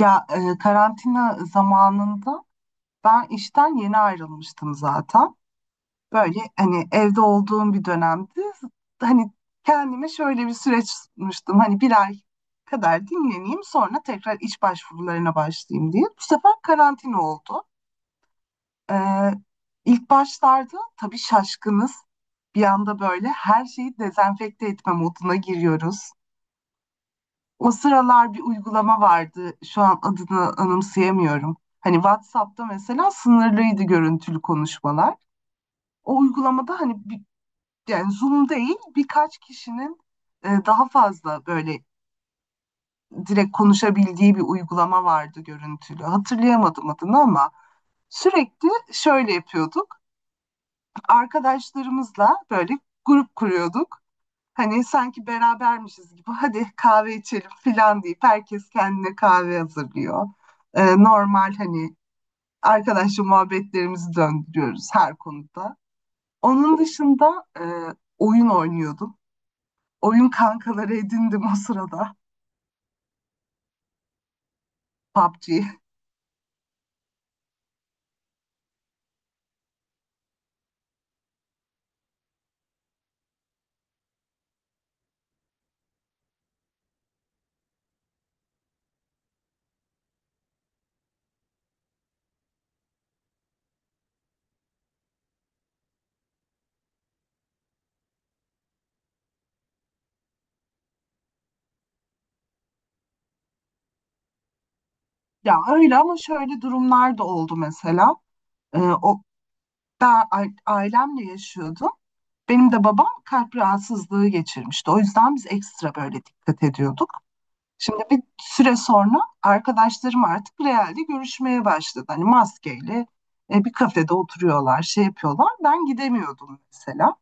Ya karantina zamanında ben işten yeni ayrılmıştım zaten. Böyle hani evde olduğum bir dönemdi. Hani kendime şöyle bir süreç sunmuştum. Hani bir ay kadar dinleneyim sonra tekrar iş başvurularına başlayayım diye. Bu sefer karantina oldu. E, ilk başlarda tabii şaşkınız. Bir anda böyle her şeyi dezenfekte etme moduna giriyoruz. O sıralar bir uygulama vardı. Şu an adını anımsayamıyorum. Hani WhatsApp'ta mesela sınırlıydı görüntülü konuşmalar. O uygulamada hani bir, yani Zoom değil birkaç kişinin daha fazla böyle direkt konuşabildiği bir uygulama vardı görüntülü. Hatırlayamadım adını ama sürekli şöyle yapıyorduk. Arkadaşlarımızla böyle grup kuruyorduk. Hani sanki berabermişiz gibi hadi kahve içelim filan deyip herkes kendine kahve hazırlıyor. Normal hani arkadaşla muhabbetlerimizi döndürüyoruz her konuda. Onun dışında oyun oynuyordum. Oyun kankaları edindim o sırada PUBG. Ya öyle ama şöyle durumlar da oldu mesela. Ee, o, ben ailemle yaşıyordum. Benim de babam kalp rahatsızlığı geçirmişti. O yüzden biz ekstra böyle dikkat ediyorduk. Şimdi bir süre sonra arkadaşlarım artık realde görüşmeye başladı. Hani maskeyle bir kafede oturuyorlar, şey yapıyorlar. Ben gidemiyordum mesela.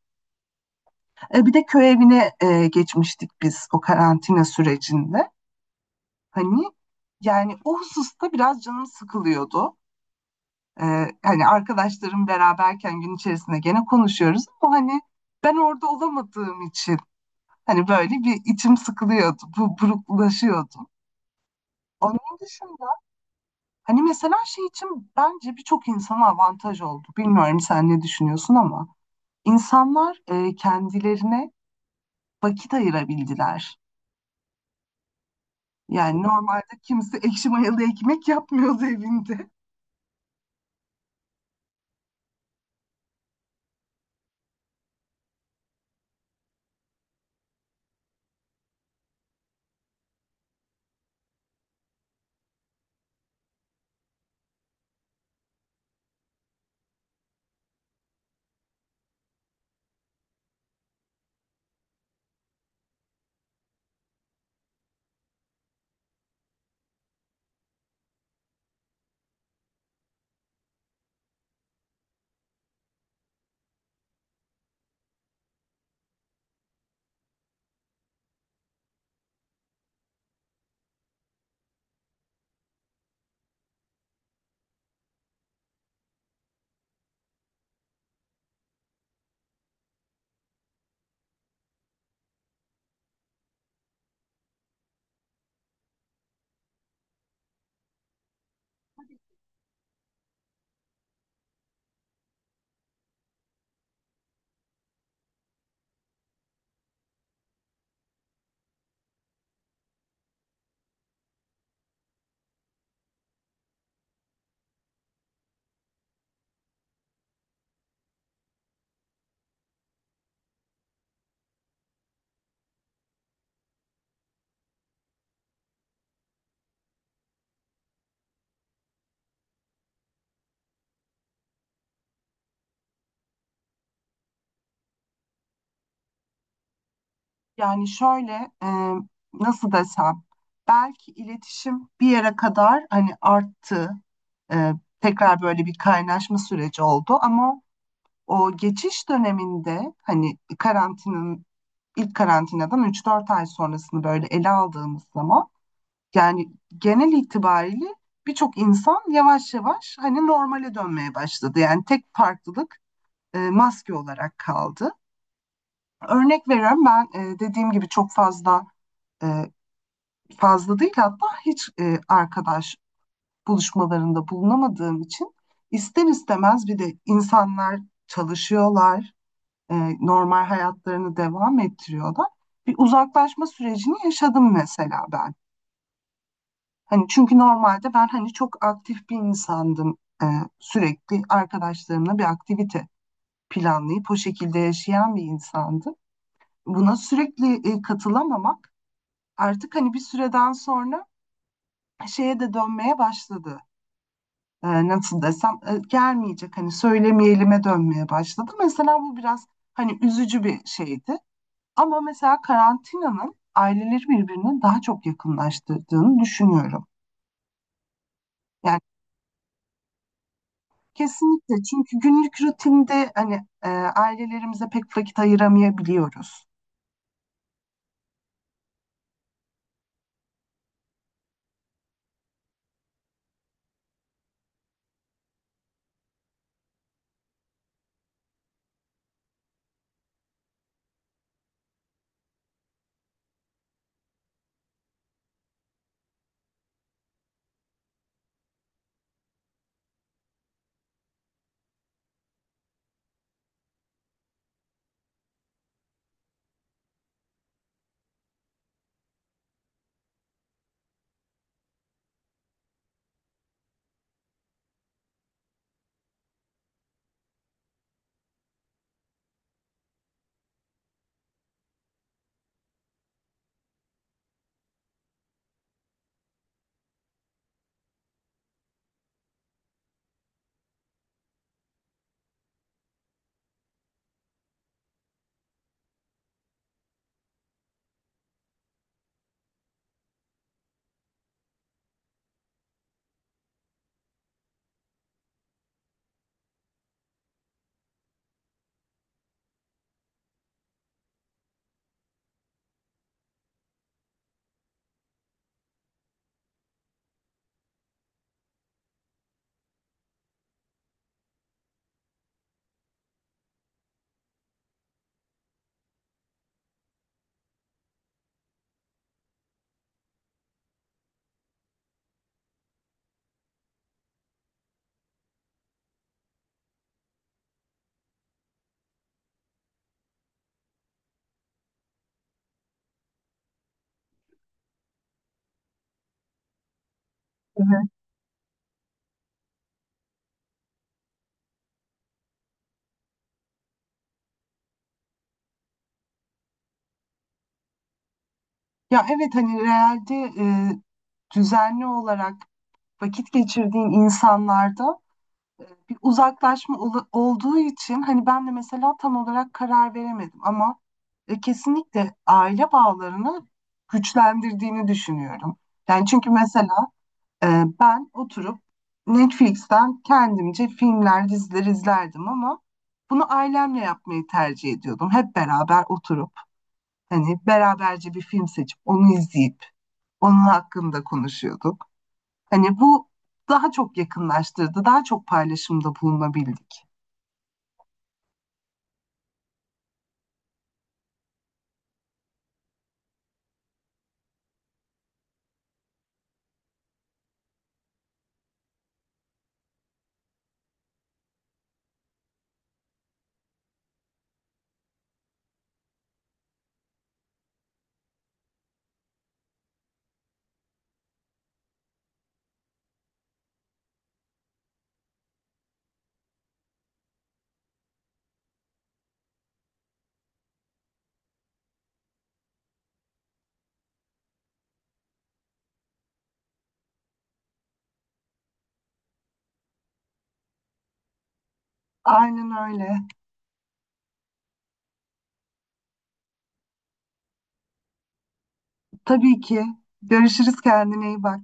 Bir de köy evine geçmiştik biz o karantina sürecinde. Hani yani o hususta biraz canım sıkılıyordu. E, Hani arkadaşlarım beraberken gün içerisinde gene konuşuyoruz ama hani ben orada olamadığım için hani böyle bir içim sıkılıyordu, bu buruklaşıyordu. Onun dışında hani mesela şey için bence birçok insana avantaj oldu. Bilmiyorum sen ne düşünüyorsun ama insanlar kendilerine vakit ayırabildiler. Yani normalde kimse ekşi mayalı ekmek yapmıyordu evinde. Yani şöyle nasıl desem belki iletişim bir yere kadar hani arttı. E, Tekrar böyle bir kaynaşma süreci oldu ama o geçiş döneminde hani karantinanın ilk karantinadan 3-4 ay sonrasını böyle ele aldığımız zaman yani genel itibariyle birçok insan yavaş yavaş hani normale dönmeye başladı. Yani tek farklılık maske olarak kaldı. Örnek veriyorum ben, dediğim gibi çok fazla, e, fazla değil hatta hiç arkadaş buluşmalarında bulunamadığım için ister istemez bir de insanlar çalışıyorlar, normal hayatlarını devam ettiriyorlar. Bir uzaklaşma sürecini yaşadım mesela ben. Hani çünkü normalde ben hani çok aktif bir insandım. E, Sürekli arkadaşlarımla bir aktivite planlayıp o şekilde yaşayan bir insandım. Buna sürekli katılamamak artık hani bir süreden sonra şeye de dönmeye başladı. Nasıl desem, gelmeyecek hani söylemeyelim'e dönmeye başladı. Mesela bu biraz hani üzücü bir şeydi. Ama mesela karantinanın aileleri birbirine daha çok yakınlaştırdığını düşünüyorum. Yani kesinlikle çünkü günlük rutinde hani ailelerimize pek vakit ayıramayabiliyoruz. Evet. Ya evet, hani realde düzenli olarak vakit geçirdiğin insanlarda bir uzaklaşma olduğu için hani ben de mesela tam olarak karar veremedim ama kesinlikle aile bağlarını güçlendirdiğini düşünüyorum. Yani çünkü mesela. Ben oturup Netflix'ten kendimce filmler, diziler izlerdim ama bunu ailemle yapmayı tercih ediyordum. Hep beraber oturup hani beraberce bir film seçip onu izleyip onun hakkında konuşuyorduk. Hani bu daha çok yakınlaştırdı, daha çok paylaşımda bulunabildik. Aynen öyle. Tabii ki. Görüşürüz, kendine iyi bak.